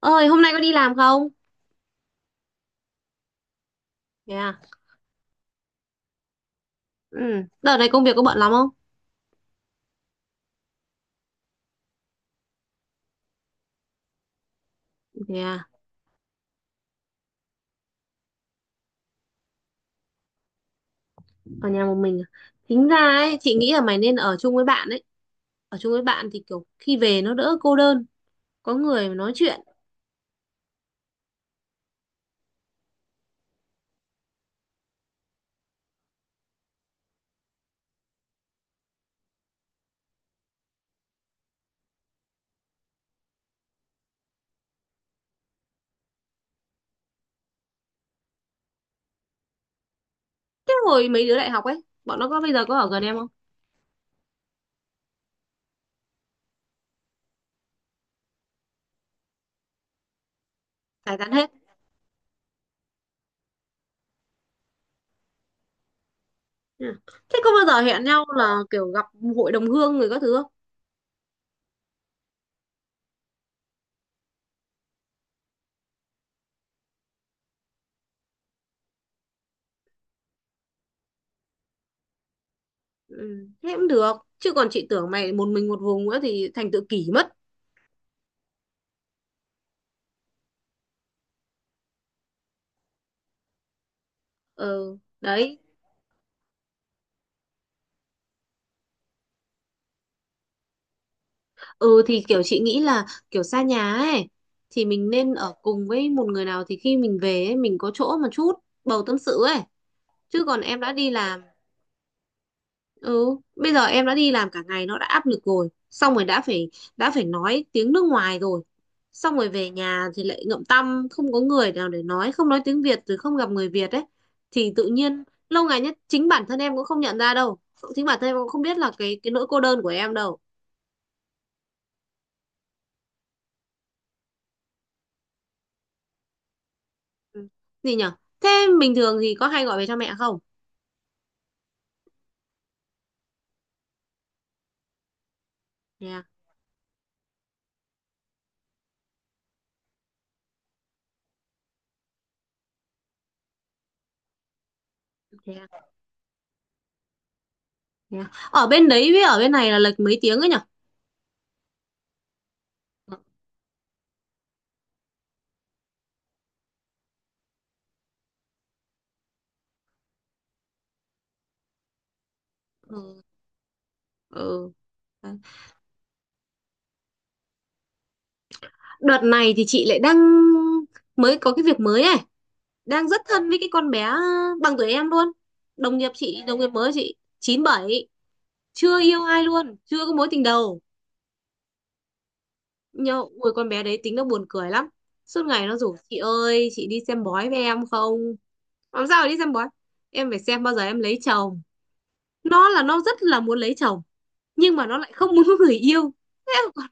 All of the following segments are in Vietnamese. Ơi, hôm nay có đi làm không? Thế à. Ừ, đợt này công việc có bận lắm không? Thế à. Ở nhà một mình à? Tính ra ấy, chị nghĩ là mày nên ở chung với bạn ấy. Ở chung với bạn thì kiểu khi về nó đỡ cô đơn, có người mà nói chuyện. Thế hồi mấy đứa đại học ấy bọn nó có bây giờ có ở gần em không? Giải tán hết. Ừ. Thế có bao giờ hẹn nhau là kiểu gặp hội đồng hương người các thứ không? Ừ, thế cũng được chứ còn chị tưởng mày một mình một vùng nữa thì thành tự kỷ mất. Ừ đấy. Ừ, thì kiểu chị nghĩ là kiểu xa nhà ấy, thì mình nên ở cùng với một người nào thì khi mình về ấy, mình có chỗ mà chút bầu tâm sự ấy. Chứ còn em đã đi làm. Ừ, bây giờ em đã đi làm cả ngày nó đã áp lực rồi, xong rồi đã phải nói tiếng nước ngoài rồi, xong rồi về nhà thì lại ngậm tăm, không có người nào để nói, không nói tiếng Việt rồi, không gặp người Việt ấy, thì tự nhiên lâu ngày nhất chính bản thân em cũng không nhận ra đâu, chính bản thân em cũng không biết là cái nỗi cô đơn của em đâu. Ừ. Gì nhở? Thế, bình thường thì có hay gọi về cho mẹ không? Thế à. Thế à. Thế à. Ở bên đấy với ở bên này là lệch mấy tiếng ấy nhở? Ừ. Ừ. Đợt này thì chị lại đang mới có cái việc mới này. Đang rất thân với cái con bé bằng tuổi em luôn, đồng nghiệp chị, đồng nghiệp mới chị, 97, chưa yêu ai luôn, chưa có mối tình đầu. Nhưng ôi, con bé đấy tính nó buồn cười lắm. Suốt ngày nó rủ: chị ơi chị đi xem bói với em không? Làm sao mà đi xem bói, em phải xem bao giờ em lấy chồng. Nó rất là muốn lấy chồng nhưng mà nó lại không muốn có người yêu. Thế còn-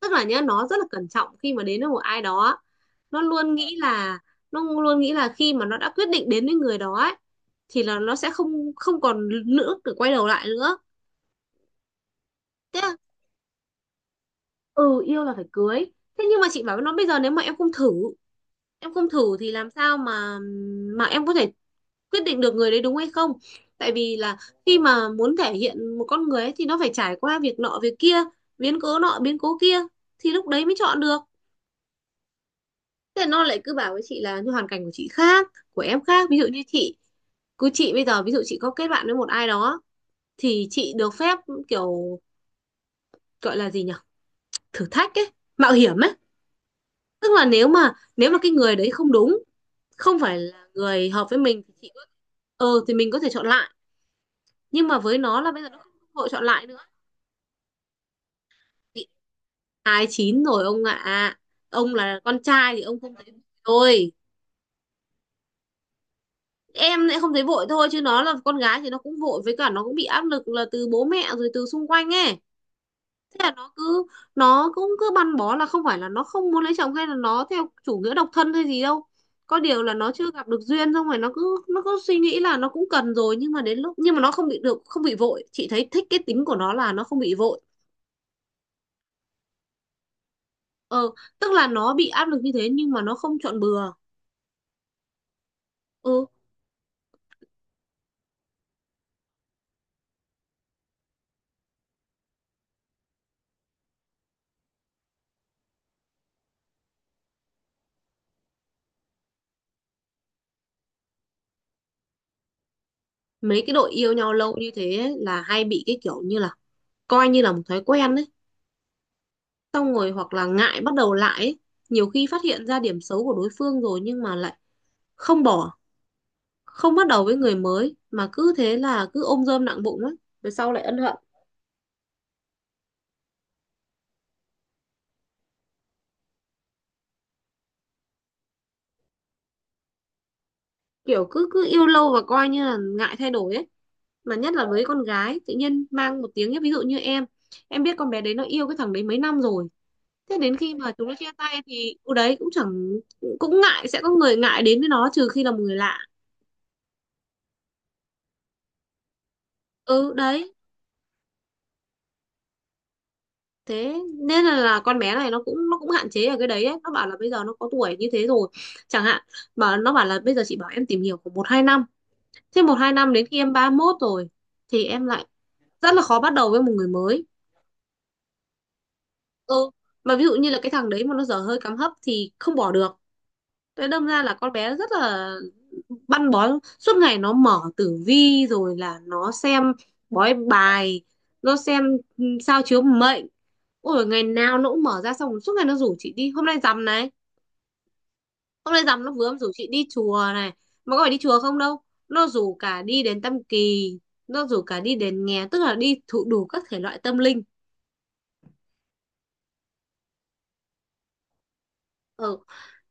Tức là nhá, nó rất là cẩn trọng khi mà đến với một ai đó. Nó luôn nghĩ là nó luôn nghĩ là khi mà nó đã quyết định đến với người đó ấy, thì là nó sẽ không không còn nữa để quay đầu lại nữa. thế là, ừ, yêu là phải cưới. Thế nhưng mà chị bảo với nó, bây giờ nếu mà em không thử thì làm sao mà em có thể quyết định được người đấy đúng hay không. Tại vì là khi mà muốn thể hiện một con người ấy, thì nó phải trải qua việc nọ việc kia, biến cố nọ biến cố kia, thì lúc đấy mới chọn được. Thế là nó lại cứ bảo với chị là như hoàn cảnh của chị khác, của em khác. Ví dụ như chị, cứ chị bây giờ ví dụ chị có kết bạn với một ai đó thì chị được phép, kiểu, gọi là gì nhỉ, thử thách ấy, mạo hiểm ấy. Tức là nếu mà cái người đấy không đúng, không phải là người hợp với mình thì chị có, ừ thì mình có thể chọn lại, nhưng mà với nó là bây giờ nó không có cơ hội chọn lại nữa. Chị 29 rồi ông ạ. Ông là con trai thì ông không thấy vội thôi, em lại không thấy vội thôi chứ nó là con gái thì nó cũng vội với cả nó cũng bị áp lực là từ bố mẹ rồi từ xung quanh ấy. Thế là nó cứ, nó cũng cứ băn bó là không phải là nó không muốn lấy chồng hay là nó theo chủ nghĩa độc thân hay gì đâu. Có điều là nó chưa gặp được duyên, xong rồi nó cứ suy nghĩ là nó cũng cần rồi, nhưng mà đến lúc nhưng mà nó không bị được, không bị vội. Chị thấy thích cái tính của nó là nó không bị vội. Ờ, tức là nó bị áp lực như thế nhưng mà nó không chọn bừa. Ừ, mấy cái đội yêu nhau lâu như thế ấy, là hay bị cái kiểu như là coi như là một thói quen đấy. Xong rồi hoặc là ngại bắt đầu lại ấy. Nhiều khi phát hiện ra điểm xấu của đối phương rồi nhưng mà lại không bỏ, không bắt đầu với người mới mà cứ thế là cứ ôm rơm nặng bụng ấy, rồi sau lại ân hận. Kiểu cứ cứ yêu lâu và coi như là ngại thay đổi ấy. Mà nhất là với con gái tự nhiên mang một tiếng nhé. Ví dụ như em biết con bé đấy nó yêu cái thằng đấy mấy năm rồi, thế đến khi mà chúng nó chia tay thì ừ đấy cũng chẳng, cũng ngại, sẽ có người ngại đến với nó trừ khi là một người lạ. Ừ đấy. Thế nên là con bé này nó cũng hạn chế ở cái đấy ấy. Nó bảo là bây giờ nó có tuổi như thế rồi, chẳng hạn, mà nó bảo là bây giờ chị bảo em tìm hiểu khoảng 1-2 năm. Thế 1-2 năm đến khi em 31 rồi thì em lại rất là khó bắt đầu với một người mới. Ừ, mà ví dụ như là cái thằng đấy mà nó dở hơi cắm hấp thì không bỏ được. Thế đâm ra là con bé rất là băn bó, suốt ngày nó mở tử vi rồi là nó xem bói bài, nó xem, ừ, sao chiếu mệnh. Ôi ngày nào nó cũng mở ra, xong rồi suốt ngày nó rủ chị đi hôm nay rằm này, hôm nay rằm nó vừa mới rủ chị đi chùa này, mà có phải đi chùa không đâu, nó rủ cả đi đến Tam Kỳ, nó rủ cả đi đến nghè, tức là đi thụ đủ các thể loại tâm linh. Ừ.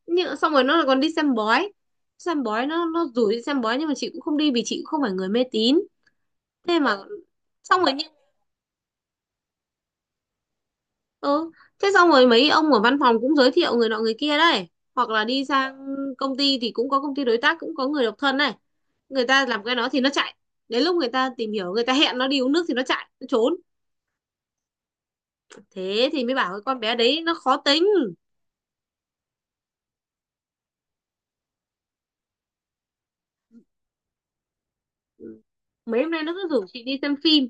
Nhưng xong rồi nó còn đi xem bói. Xem bói nó rủ đi xem bói nhưng mà chị cũng không đi vì chị cũng không phải người mê tín. Thế mà, xong rồi nhưng, ừ. Thế xong rồi mấy ông ở văn phòng cũng giới thiệu người nọ người kia đấy, hoặc là đi sang công ty thì cũng có công ty đối tác cũng có người độc thân này, người ta làm cái đó thì nó chạy. Đến lúc người ta tìm hiểu, người ta hẹn nó đi uống nước thì nó chạy, nó trốn. Thế thì mới bảo cái con bé đấy nó khó tính. Mấy hôm nay nó cứ rủ chị đi xem phim,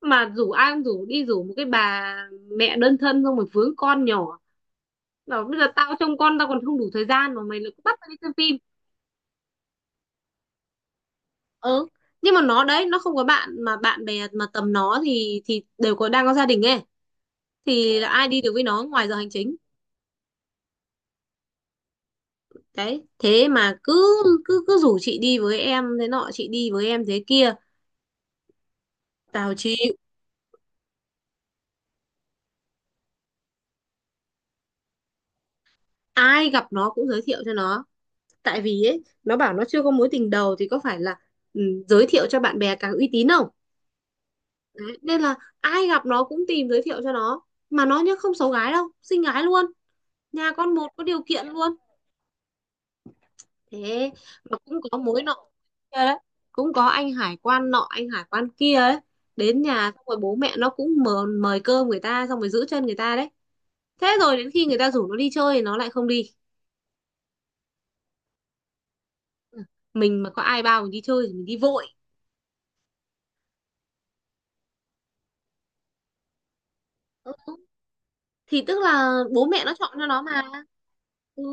mà rủ ai cũng rủ, đi rủ một cái bà mẹ đơn thân xong rồi vướng con nhỏ, bảo bây giờ tao trông con tao còn không đủ thời gian mà mày lại cứ bắt tao đi xem phim. Ừ, nhưng mà nó đấy nó không có bạn, mà bạn bè mà tầm nó thì đều có, đang có gia đình ấy, thì là ai đi được với nó ngoài giờ hành chính. Đấy thế mà cứ, cứ rủ chị đi với em thế nọ chị đi với em thế kia. Tao chịu. Ai gặp nó cũng giới thiệu cho nó, tại vì ấy nó bảo nó chưa có mối tình đầu thì có phải là, ừ, giới thiệu cho bạn bè càng uy tín không. Đấy, nên là ai gặp nó cũng tìm giới thiệu cho nó, mà nó nhá không xấu gái đâu, xinh gái luôn, nhà con một có điều kiện luôn. Thế mà cũng có mối nọ kia đấy, cũng có anh hải quan nọ anh hải quan kia ấy, đến nhà xong rồi bố mẹ nó cũng mời cơm người ta xong rồi giữ chân người ta đấy. Thế rồi đến khi người ta rủ nó đi chơi thì nó lại không đi. Mình mà có ai bao mình đi chơi thì mình đi vội. Thì tức là bố mẹ nó chọn cho nó mà. Ừ.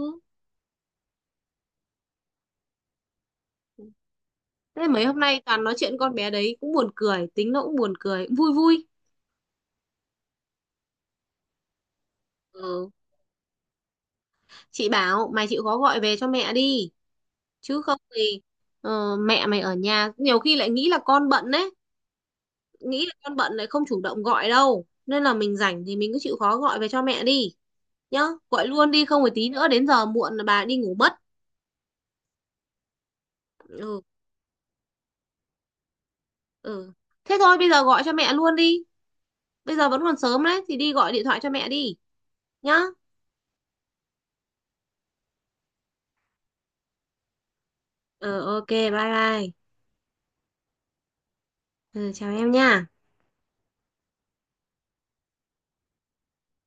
Thế mấy hôm nay toàn nói chuyện con bé đấy, cũng buồn cười, tính nó cũng buồn cười, vui vui. Ừ. Chị bảo mày chịu khó gọi về cho mẹ đi, chứ không thì, mẹ mày ở nhà nhiều khi lại nghĩ là con bận đấy, nghĩ là con bận lại không chủ động gọi đâu, nên là mình rảnh thì mình cứ chịu khó gọi về cho mẹ đi nhá. Gọi luôn đi không phải tí nữa đến giờ muộn là bà đi ngủ mất. Ừ. Ừ. Thế thôi bây giờ gọi cho mẹ luôn đi, bây giờ vẫn còn sớm đấy thì đi gọi điện thoại cho mẹ đi nhá. Ờ, ok, bye bye. Ừ, chào em nha.